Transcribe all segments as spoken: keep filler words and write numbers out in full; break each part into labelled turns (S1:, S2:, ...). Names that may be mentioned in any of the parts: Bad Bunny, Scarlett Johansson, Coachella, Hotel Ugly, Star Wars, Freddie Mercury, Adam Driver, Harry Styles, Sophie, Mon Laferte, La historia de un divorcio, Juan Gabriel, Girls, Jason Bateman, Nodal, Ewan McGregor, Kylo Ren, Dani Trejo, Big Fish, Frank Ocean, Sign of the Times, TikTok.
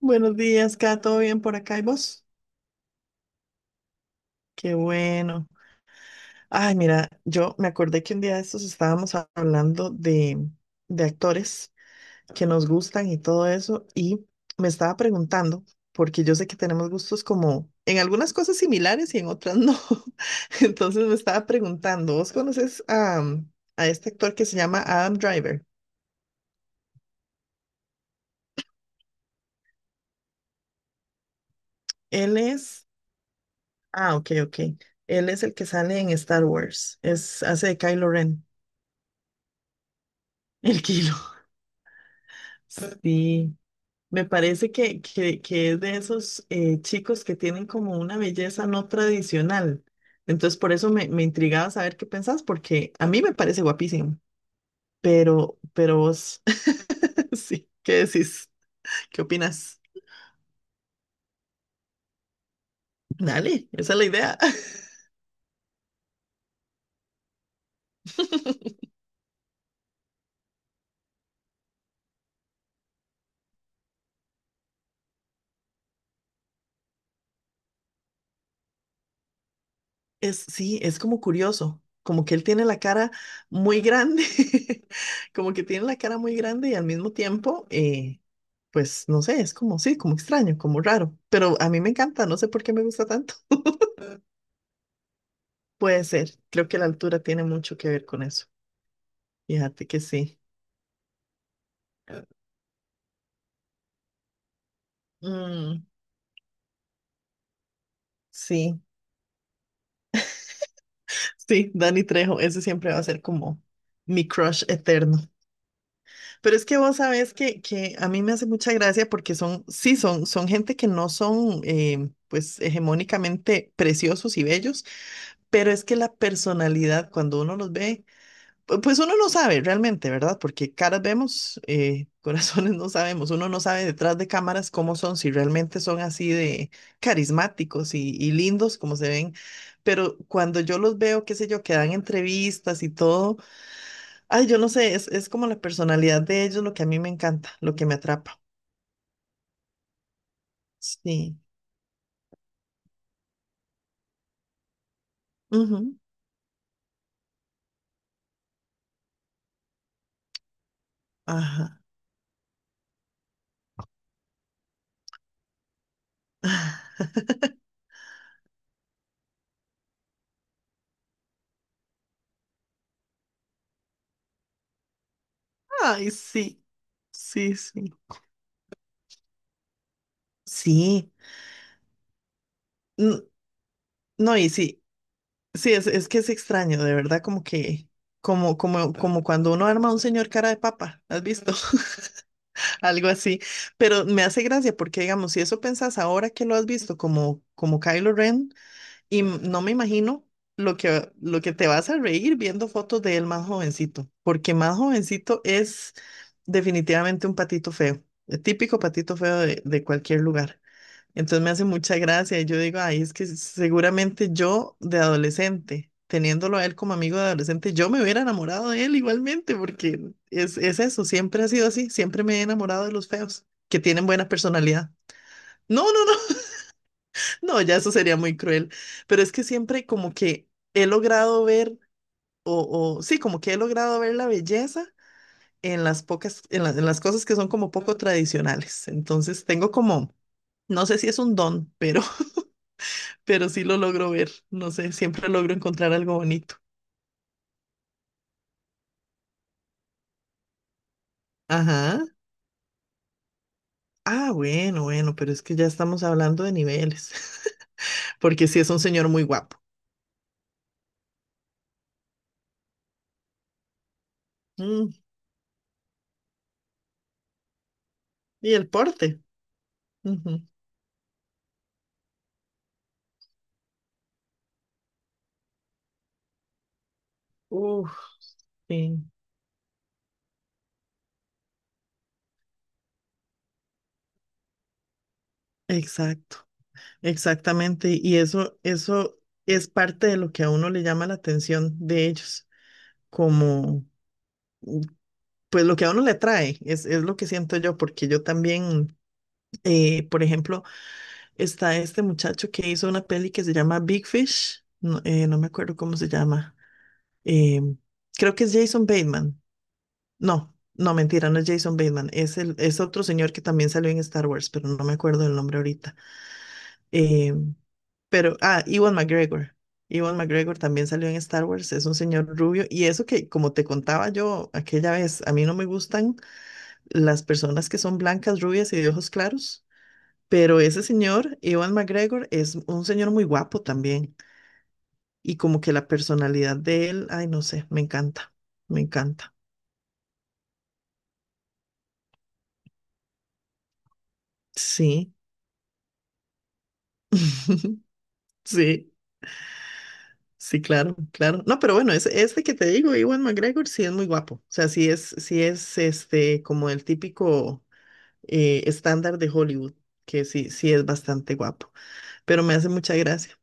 S1: Buenos días, Kat, ¿todo bien por acá y vos? Qué bueno. Ay, mira, yo me acordé que un día de estos estábamos a- hablando de, de actores que nos gustan y todo eso, y me estaba preguntando, porque yo sé que tenemos gustos como en algunas cosas similares y en otras no. Entonces me estaba preguntando, ¿vos conoces a, a este actor que se llama Adam Driver? Él es, ah, ok, ok. Él es el que sale en Star Wars, es, hace de Kylo Ren, el que sí, me parece que, que, que es de esos eh, chicos que tienen como una belleza no tradicional. Entonces, por eso me, me intrigaba saber qué pensás, porque a mí me parece guapísimo, pero, pero vos, sí, ¿qué decís? ¿Qué opinas? Dale, esa es la idea. Es, sí, es como curioso, como que él tiene la cara muy grande, como que tiene la cara muy grande y al mismo tiempo, eh, pues no sé, es como, sí, como extraño, como raro, pero a mí me encanta, no sé por qué me gusta tanto. Puede ser, creo que la altura tiene mucho que ver con eso, fíjate que sí. Mm, sí, sí, Dani Trejo, ese siempre va a ser como mi crush eterno. Pero es que vos sabés que, que a mí me hace mucha gracia porque son, sí, son, son gente que no son, eh, pues, hegemónicamente preciosos y bellos, pero es que la personalidad, cuando uno los ve, pu- pues uno no sabe realmente, ¿verdad? Porque caras vemos, eh, corazones no sabemos, uno no sabe detrás de cámaras cómo son, si realmente son así de carismáticos y, y lindos como se ven, pero cuando yo los veo, qué sé yo, que dan entrevistas y todo. Ay, yo no sé, es, es como la personalidad de ellos lo que a mí me encanta, lo que me atrapa. Sí. Ujú. Ajá. Ay, sí. Sí, sí. Sí. N- No, y sí, sí, es, es que es extraño, de verdad, como que, como, como, como cuando uno arma a un señor cara de papa, ¿has visto? Algo así. Pero me hace gracia porque, digamos, si eso pensás ahora que lo has visto como, como Kylo Ren. Y m- no me imagino lo que, lo que te vas a reír viendo fotos de él más jovencito, porque más jovencito es definitivamente un patito feo, el típico patito feo de, de cualquier lugar. Entonces me hace mucha gracia y yo digo, ay, es que seguramente yo de adolescente, teniéndolo a él como amigo de adolescente, yo me hubiera enamorado de él igualmente, porque es, es eso, siempre ha sido así, siempre me he enamorado de los feos, que tienen buena personalidad. No, no, no. No, ya eso sería muy cruel, pero es que siempre como que he logrado ver, o, o sí, como que he logrado ver la belleza en las pocas, en la- en las cosas que son como poco tradicionales. Entonces tengo como, no sé si es un don, pero, pero sí lo logro ver, no sé, siempre logro encontrar algo bonito. Ajá. Ah, bueno, bueno, pero es que ya estamos hablando de niveles, porque sí es un señor muy guapo. Mm, y el porte. Ujú. Uf, sí, exacto. Exactamente, y eso, eso es parte de lo que a uno le llama la atención de ellos, como pues lo que a uno le trae, es, es lo que siento yo, porque yo también, eh, por ejemplo, está este muchacho que hizo una peli que se llama Big Fish, no, eh, no me acuerdo cómo se llama, eh, creo que es Jason Bateman, no, no, mentira, no es Jason Bateman, es, el, es otro señor que también salió en Star Wars, pero no me acuerdo el nombre ahorita. eh, Pero, ah, Ewan McGregor. Ewan McGregor también salió en Star Wars, es un señor rubio. Y eso que, como te contaba yo aquella vez, a mí no me gustan las personas que son blancas, rubias y de ojos claros. Pero ese señor, Ewan McGregor, es un señor muy guapo también. Y como que la personalidad de él, ay, no sé, me encanta, me encanta. Sí, sí, sí, claro, claro. No, pero bueno, ese, ese que te digo, Ewan McGregor, sí es muy guapo. O sea, sí es, sí es este, como el típico. Eh, estándar de Hollywood, que sí, sí es bastante guapo, pero me hace mucha gracia.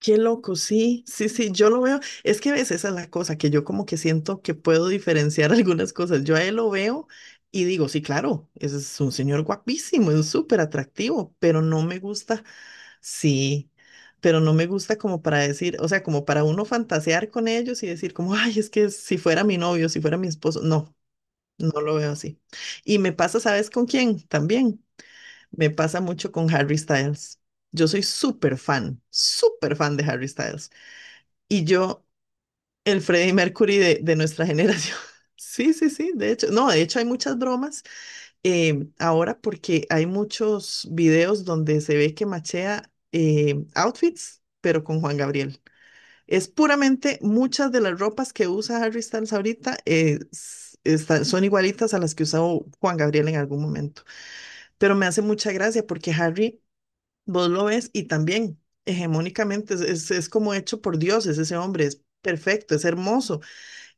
S1: Qué loco, sí, sí, sí, yo lo veo. Es que a veces esa es la cosa, que yo como que siento que puedo diferenciar algunas cosas. Yo a él lo veo y digo, sí, claro, ese es un señor guapísimo, es súper atractivo, pero no me gusta, sí, pero no me gusta como para decir, o sea, como para uno fantasear con ellos y decir como, ay, es que si fuera mi novio, si fuera mi esposo, no, no lo veo así. Y me pasa, ¿sabes con quién? También me pasa mucho con Harry Styles. Yo soy súper fan, súper fan de Harry Styles. Y yo, el Freddie Mercury de, de nuestra generación. Sí, sí, sí, de hecho. No, de hecho hay muchas bromas eh, ahora porque hay muchos videos donde se ve que machea eh, outfits, pero con Juan Gabriel. Es puramente muchas de las ropas que usa Harry Styles ahorita eh, s- están- son igualitas a las que usó Juan Gabriel en algún momento. Pero me hace mucha gracia porque Harry vos lo ves y también hegemónicamente es, es- es como hecho por dioses ese hombre, es perfecto, es hermoso.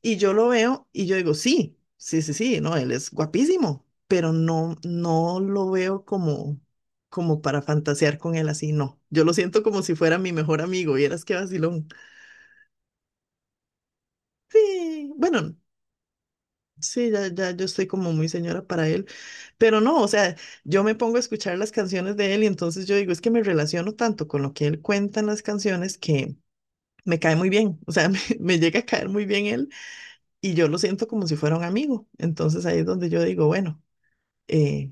S1: Y yo lo veo y yo digo, sí, sí, sí, sí, no, él es guapísimo, pero no, no lo veo como, como para fantasear con él así, no. Yo lo siento como si fuera mi mejor amigo, vieras qué vacilón. Sí, bueno, sí, ya, ya yo estoy como muy señora para él, pero no, o sea, yo me pongo a escuchar las canciones de él y entonces yo digo, es que me relaciono tanto con lo que él cuenta en las canciones que me cae muy bien, o sea, me, me llega a caer muy bien él y yo lo siento como si fuera un amigo. Entonces ahí es donde yo digo, bueno, eh,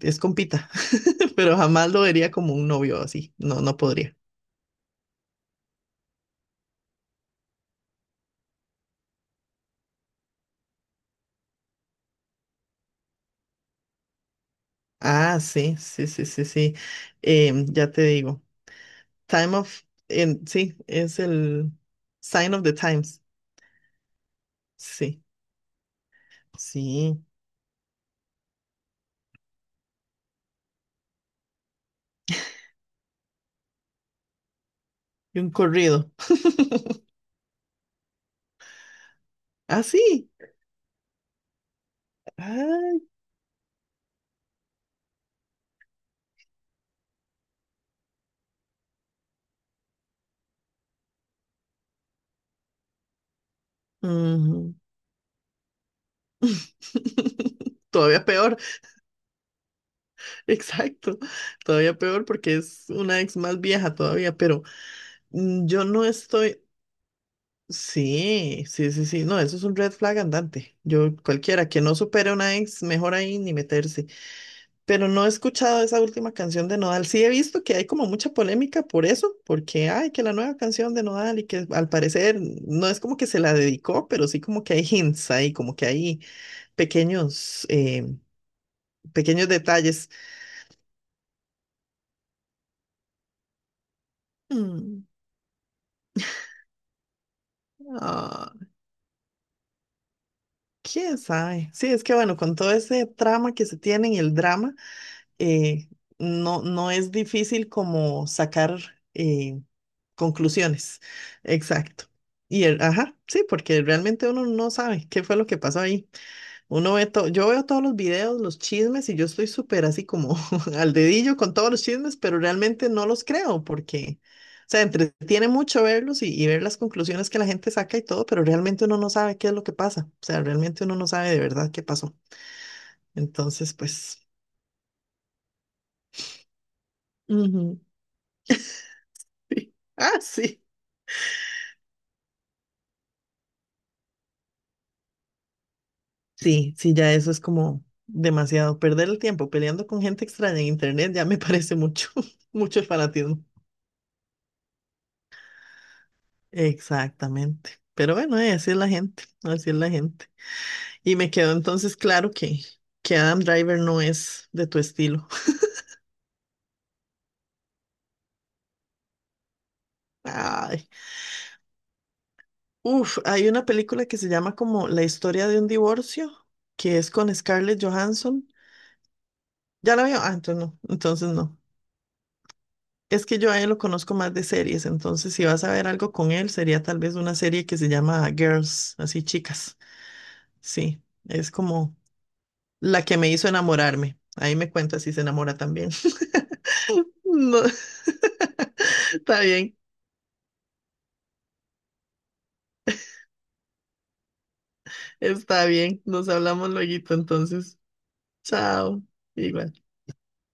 S1: es compita, pero jamás lo vería como un novio así, no, no podría. Ah, sí, sí, sí, sí, sí, em, ya te digo, Time of, en- sí, es el Sign of the Times, sí, sí, y un corrido. Ah, sí, ay, ujú. Todavía peor. Exacto, todavía peor porque es una ex más vieja todavía, pero mm, yo no estoy, sí, sí, sí, sí, no, eso es un red flag andante. Yo, cualquiera que no supere a una ex, mejor ahí ni meterse. Pero no he escuchado esa última canción de Nodal. Sí he visto que hay como mucha polémica por eso, porque ay, que la nueva canción de Nodal y que al parecer no es como que se la dedicó, pero sí como que hay hints ahí, como que hay pequeños, eh, pequeños detalles. Mm, ah. ¿Quién sabe? Sí, es que bueno, con todo ese trama que se tiene y el drama, eh, no, no es difícil como sacar eh, conclusiones. Exacto. Y el, ajá, sí, porque realmente uno no sabe qué fue lo que pasó ahí. Uno ve todo, yo veo todos los videos, los chismes, y yo estoy súper así como al dedillo con todos los chismes, pero realmente no los creo porque, o sea, entretiene mucho verlos y, y ver las conclusiones que la gente saca y todo, pero realmente uno no sabe qué es lo que pasa. O sea, realmente uno no sabe de verdad qué pasó. Entonces, pues, ujú, sí. Ah, sí. Sí, sí, ya eso es como demasiado. Perder el tiempo peleando con gente extraña en internet ya me parece mucho, mucho fanatismo. Exactamente. Pero bueno, eh, así es la gente, así es la gente. Y me quedó entonces claro que, que Adam Driver no es de tu estilo. Ay. Uf, hay una película que se llama como La historia de un divorcio, que es con Scarlett Johansson. ¿Ya la veo? Ah, entonces no, entonces no. Es que yo a él lo conozco más de series, entonces si vas a ver algo con él, sería tal vez una serie que se llama Girls, así chicas. Sí, es como la que me hizo enamorarme. Ahí me cuenta si se enamora también. No. Está bien, está bien. Nos hablamos luego entonces. Chao. Igual.